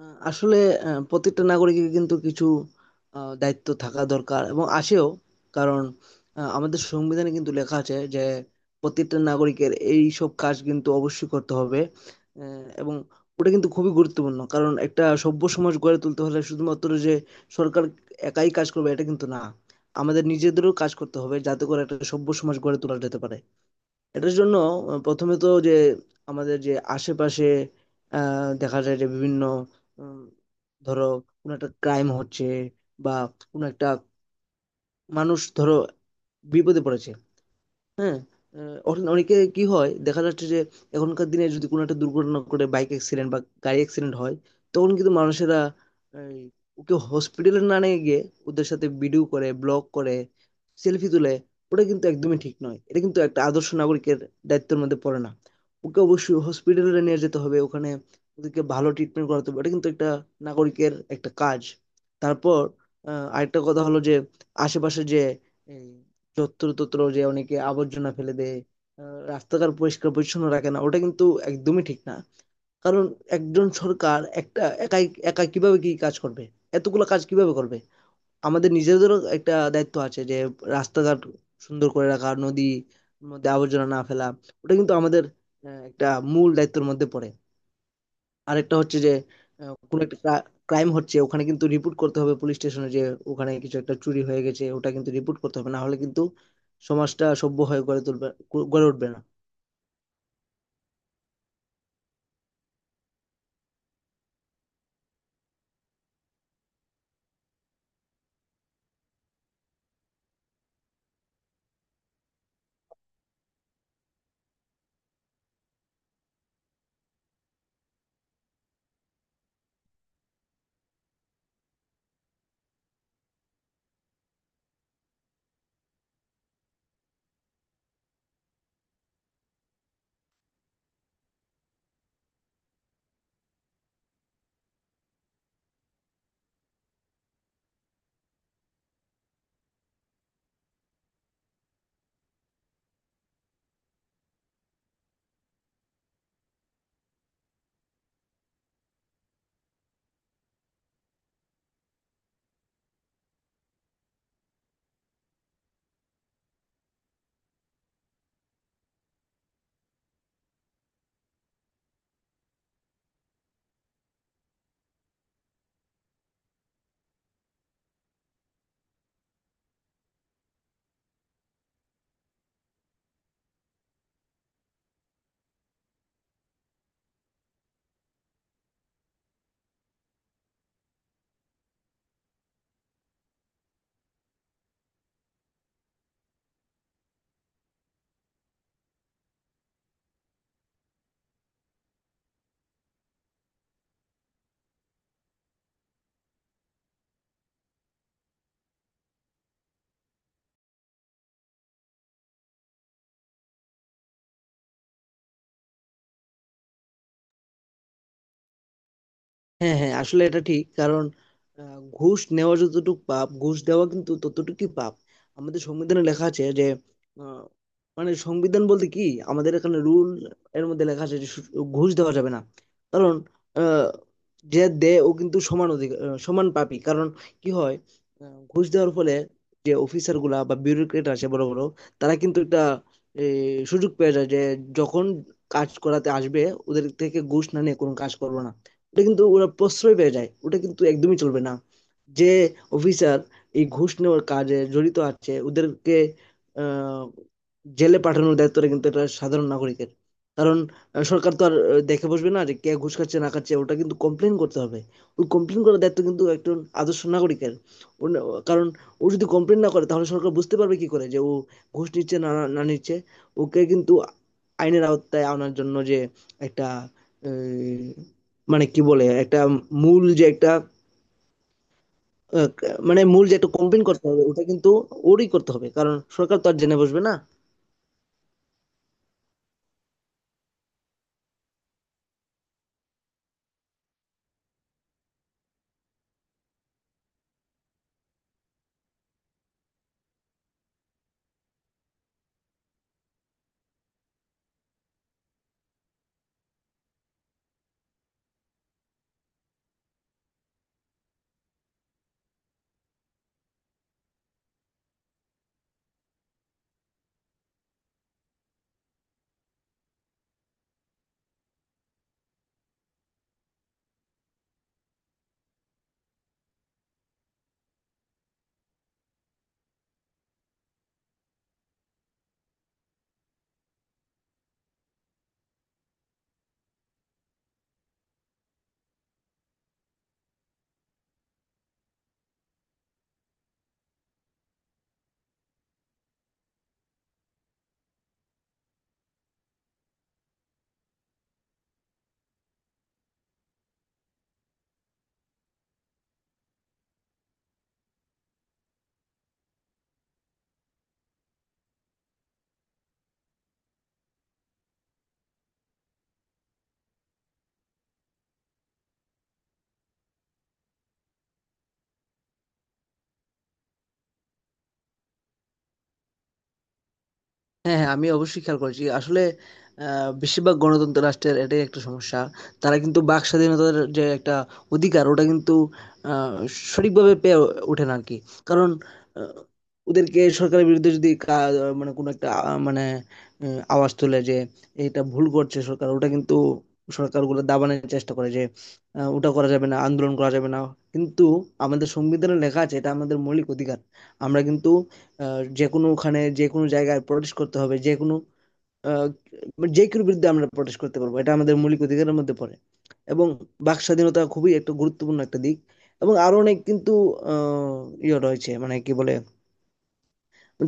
আসলে প্রত্যেকটা নাগরিকের কিন্তু কিছু দায়িত্ব থাকা দরকার এবং আসেও। কারণ আমাদের সংবিধানে কিন্তু লেখা আছে যে প্রত্যেকটা নাগরিকের এই সব কাজ কিন্তু অবশ্যই করতে হবে। আহ, এবং ওটা কিন্তু খুবই গুরুত্বপূর্ণ কারণ একটা সভ্য সমাজ গড়ে তুলতে হলে শুধুমাত্র যে সরকার একাই কাজ করবে এটা কিন্তু না, আমাদের নিজেদেরও কাজ করতে হবে যাতে করে একটা সভ্য সমাজ গড়ে তোলা যেতে পারে। এটার জন্য প্রথমে তো যে আমাদের যে আশেপাশে আহ, দেখা যায় যে বিভিন্ন উম, ধরো কোনো একটা ক্রাইম হচ্ছে বা কোনো একটা মানুষ ধরো বিপদে পড়েছে। হ্যাঁ? আ অন অনেকে কি হয় দেখা যাচ্ছে যে এখনকার দিনে যদি কোনো একটা দুর্ঘটনা ঘটে বাইক অ্যাক্সিডেন্ট বা গাড়ি অ্যাক্সিডেন্ট হয়, তখন কিন্তু মানুষেরা এই ওকে হসপিটালে না নিয়ে গিয়ে ওদের সাথে ভিডিও করে, ব্লগ করে, সেলফি তুলে, ওটা কিন্তু একদমই ঠিক নয়। এটা কিন্তু একটা আদর্শ নাগরিকের দায়িত্বের মধ্যে পড়ে না। ওকে অবশ্যই হসপিটালে নিয়ে যেতে হবে, ওখানে ওদেরকে ভালো ট্রিটমেন্ট করাতে হবে। এটা কিন্তু একটা নাগরিকের একটা কাজ। তারপর আরেকটা কথা হলো যে আশেপাশে যে এই যত্রতত্র যে অনেকে আবর্জনা ফেলে দেয়, রাস্তাঘাট পরিষ্কার পরিচ্ছন্ন রাখে না, ওটা কিন্তু একদমই ঠিক না। কারণ একজন সরকার একটা একাই একা কিভাবে কি কাজ করবে, এতগুলো কাজ কিভাবে করবে? আমাদের নিজেদেরও একটা দায়িত্ব আছে যে রাস্তাঘাট সুন্দর করে রাখা, নদী মধ্যে আবর্জনা না ফেলা, ওটা কিন্তু আমাদের একটা মূল দায়িত্বের মধ্যে পড়ে। আরেকটা হচ্ছে যে কোনো একটা ক্রাইম হচ্ছে ওখানে কিন্তু রিপোর্ট করতে হবে পুলিশ স্টেশনে, যে ওখানে কিছু একটা চুরি হয়ে গেছে ওটা কিন্তু রিপোর্ট করতে হবে, না হলে কিন্তু সমাজটা সভ্য হয়ে গড়ে তুলবে, গড়ে উঠবে না। হ্যাঁ, হ্যাঁ, আসলে এটা ঠিক। কারণ ঘুষ নেওয়া যতটুকু পাপ, ঘুষ দেওয়া কিন্তু ততটুকুই পাপ। আমাদের সংবিধানে লেখা আছে যে আহ, মানে সংবিধান বলতে কি আমাদের এখানে রুল এর মধ্যে লেখা আছে যে ঘুষ দেওয়া যাবে না। কারণ আহ, যে দেয় ও কিন্তু সমান অধিকার, সমান পাপী। কারণ কি হয় ঘুষ দেওয়ার ফলে যে অফিসার গুলা বা বিউরোক্রেট আছে বড় বড়, তারা কিন্তু একটা এ, সুযোগ পেয়ে যায় যে যখন কাজ করাতে আসবে ওদের থেকে ঘুষ না নিয়ে কোনো কাজ করবো না। এটা কিন্তু ওরা প্রশ্রয় পেয়ে যায়, ওটা কিন্তু একদমই চলবে না। যে অফিসার এই ঘুষ নেওয়ার কাজে জড়িত আছে ওদেরকে আহ, জেলে পাঠানোর দায়িত্বটা কিন্তু এটা সাধারণ নাগরিকের। কারণ সরকার তো আর দেখে বসবে না যে কে ঘুষ খাচ্ছে না খাচ্ছে, ওটা কিন্তু কমপ্লেন করতে হবে। ওই কমপ্লেন করার দায়িত্ব কিন্তু একজন আদর্শ নাগরিকের। ও না- কারণ ও যদি কমপ্লেন না করে তাহলে সরকার বুঝতে পারবে কি করে যে ও ঘুষ নিচ্ছে না না নিচ্ছে। ওকে কিন্তু আইনের আওতায় আনার জন্য যে একটা মানে কি বলে? একটা মূল যে একটা আ মানে মূল যে একটা campaign করতে হবে, ওটা কিন্তু ওরই করতে হবে। কারণ সরকার তো আর জেনে বসবে না। হ্যাঁ, হ্যাঁ, আমি অবশ্যই খেয়াল করেছি। আসলে বেশিরভাগ গণতন্ত্র রাষ্ট্রের এটাই একটা সমস্যা। তারা কিন্তু বাক স্বাধীনতার যে একটা অধিকার ওটা কিন্তু আহ, সঠিকভাবে পেয়ে ওঠে না আর কি। কারণ আহ, ওদেরকে সরকারের বিরুদ্ধে যদি মানে কোনো একটা মানে আওয়াজ তোলে যে এটা ভুল করছে সরকার, ওটা কিন্তু সরকারগুলো দাবানোর চেষ্টা করে যে ওটা করা যাবে না, আন্দোলন করা যাবে না। কিন্তু আমাদের সংবিধানে লেখা আছে এটা আমাদের মৌলিক অধিকার। আমরা কিন্তু যে কোনো ওখানে যে কোনো জায়গায় প্রটেস্ট করতে হবে, যে কোনো আহ, যে কারোর বিরুদ্ধে আমরা প্রটেস্ট করতে পারবো, এটা আমাদের মৌলিক অধিকারের মধ্যে পড়ে। এবং বাক স্বাধীনতা খুবই একটা গুরুত্বপূর্ণ একটা দিক। এবং আরো অনেক কিন্তু আহ, ইয়ে রয়েছে মানে কি বলে,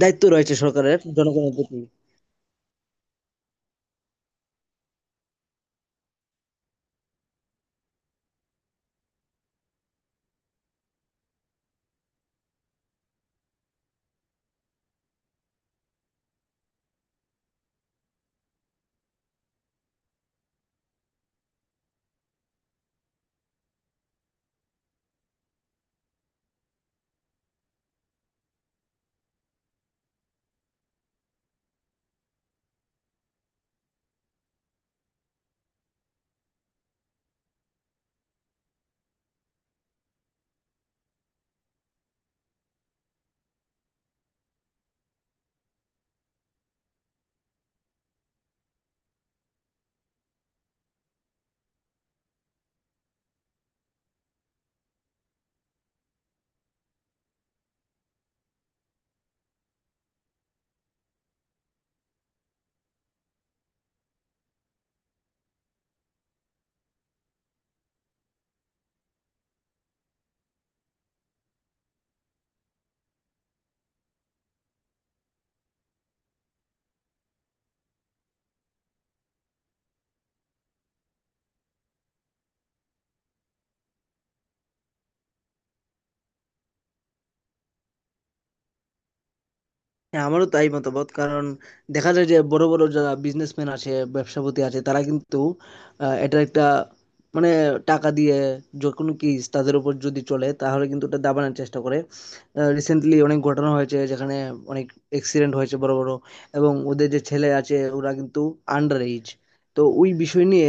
দায়িত্ব রয়েছে সরকারের জনগণের প্রতি। হ্যাঁ, আমারও তাই মতামত। কারণ দেখা যায় যে বড় বড় যারা বিজনেসম্যান আছে, ব্যবসাপতি আছে, তারা কিন্তু এটা একটা মানে টাকা দিয়ে যে কোনো কেস তাদের উপর যদি চলে তাহলে কিন্তু এটা দাবানোর চেষ্টা করে। রিসেন্টলি অনেক ঘটনা হয়েছে যেখানে অনেক অ্যাক্সিডেন্ট হয়েছে বড় বড়, এবং ওদের যে ছেলে আছে ওরা কিন্তু আন্ডার এজ। তো ওই বিষয় নিয়ে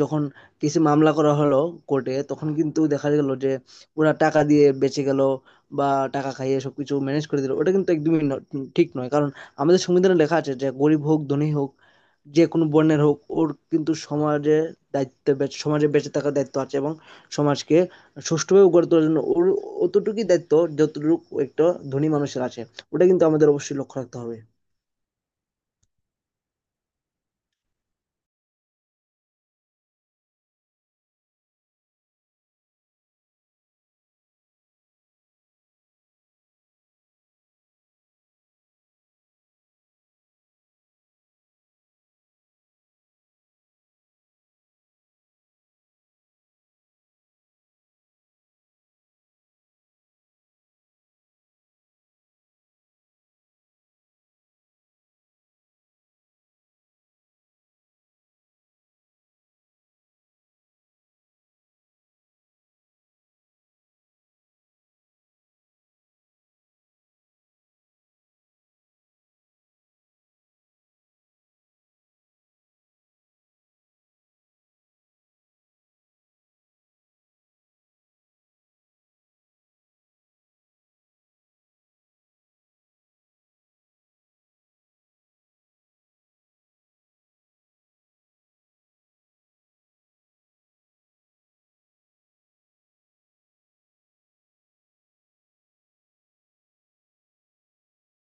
যখন কিছু মামলা করা হলো কোর্টে তখন কিন্তু দেখা গেল যে ওরা টাকা দিয়ে বেঁচে গেল বা টাকা খাইয়ে সবকিছু ম্যানেজ করে দিল, ওটা কিন্তু একদমই ঠিক নয়। কারণ আমাদের সংবিধানে লেখা আছে যে গরিব হোক ধনী হোক, যে কোনো বর্ণের হোক, ওর কিন্তু সমাজে দায়িত্ব সমাজে বেঁচে থাকার দায়িত্ব আছে এবং সমাজকে সুষ্ঠুভাবে গড়ে তোলার জন্য ওর অতটুকুই দায়িত্ব যতটুকু একটা ধনী মানুষের আছে। ওটা কিন্তু আমাদের অবশ্যই লক্ষ্য রাখতে হবে।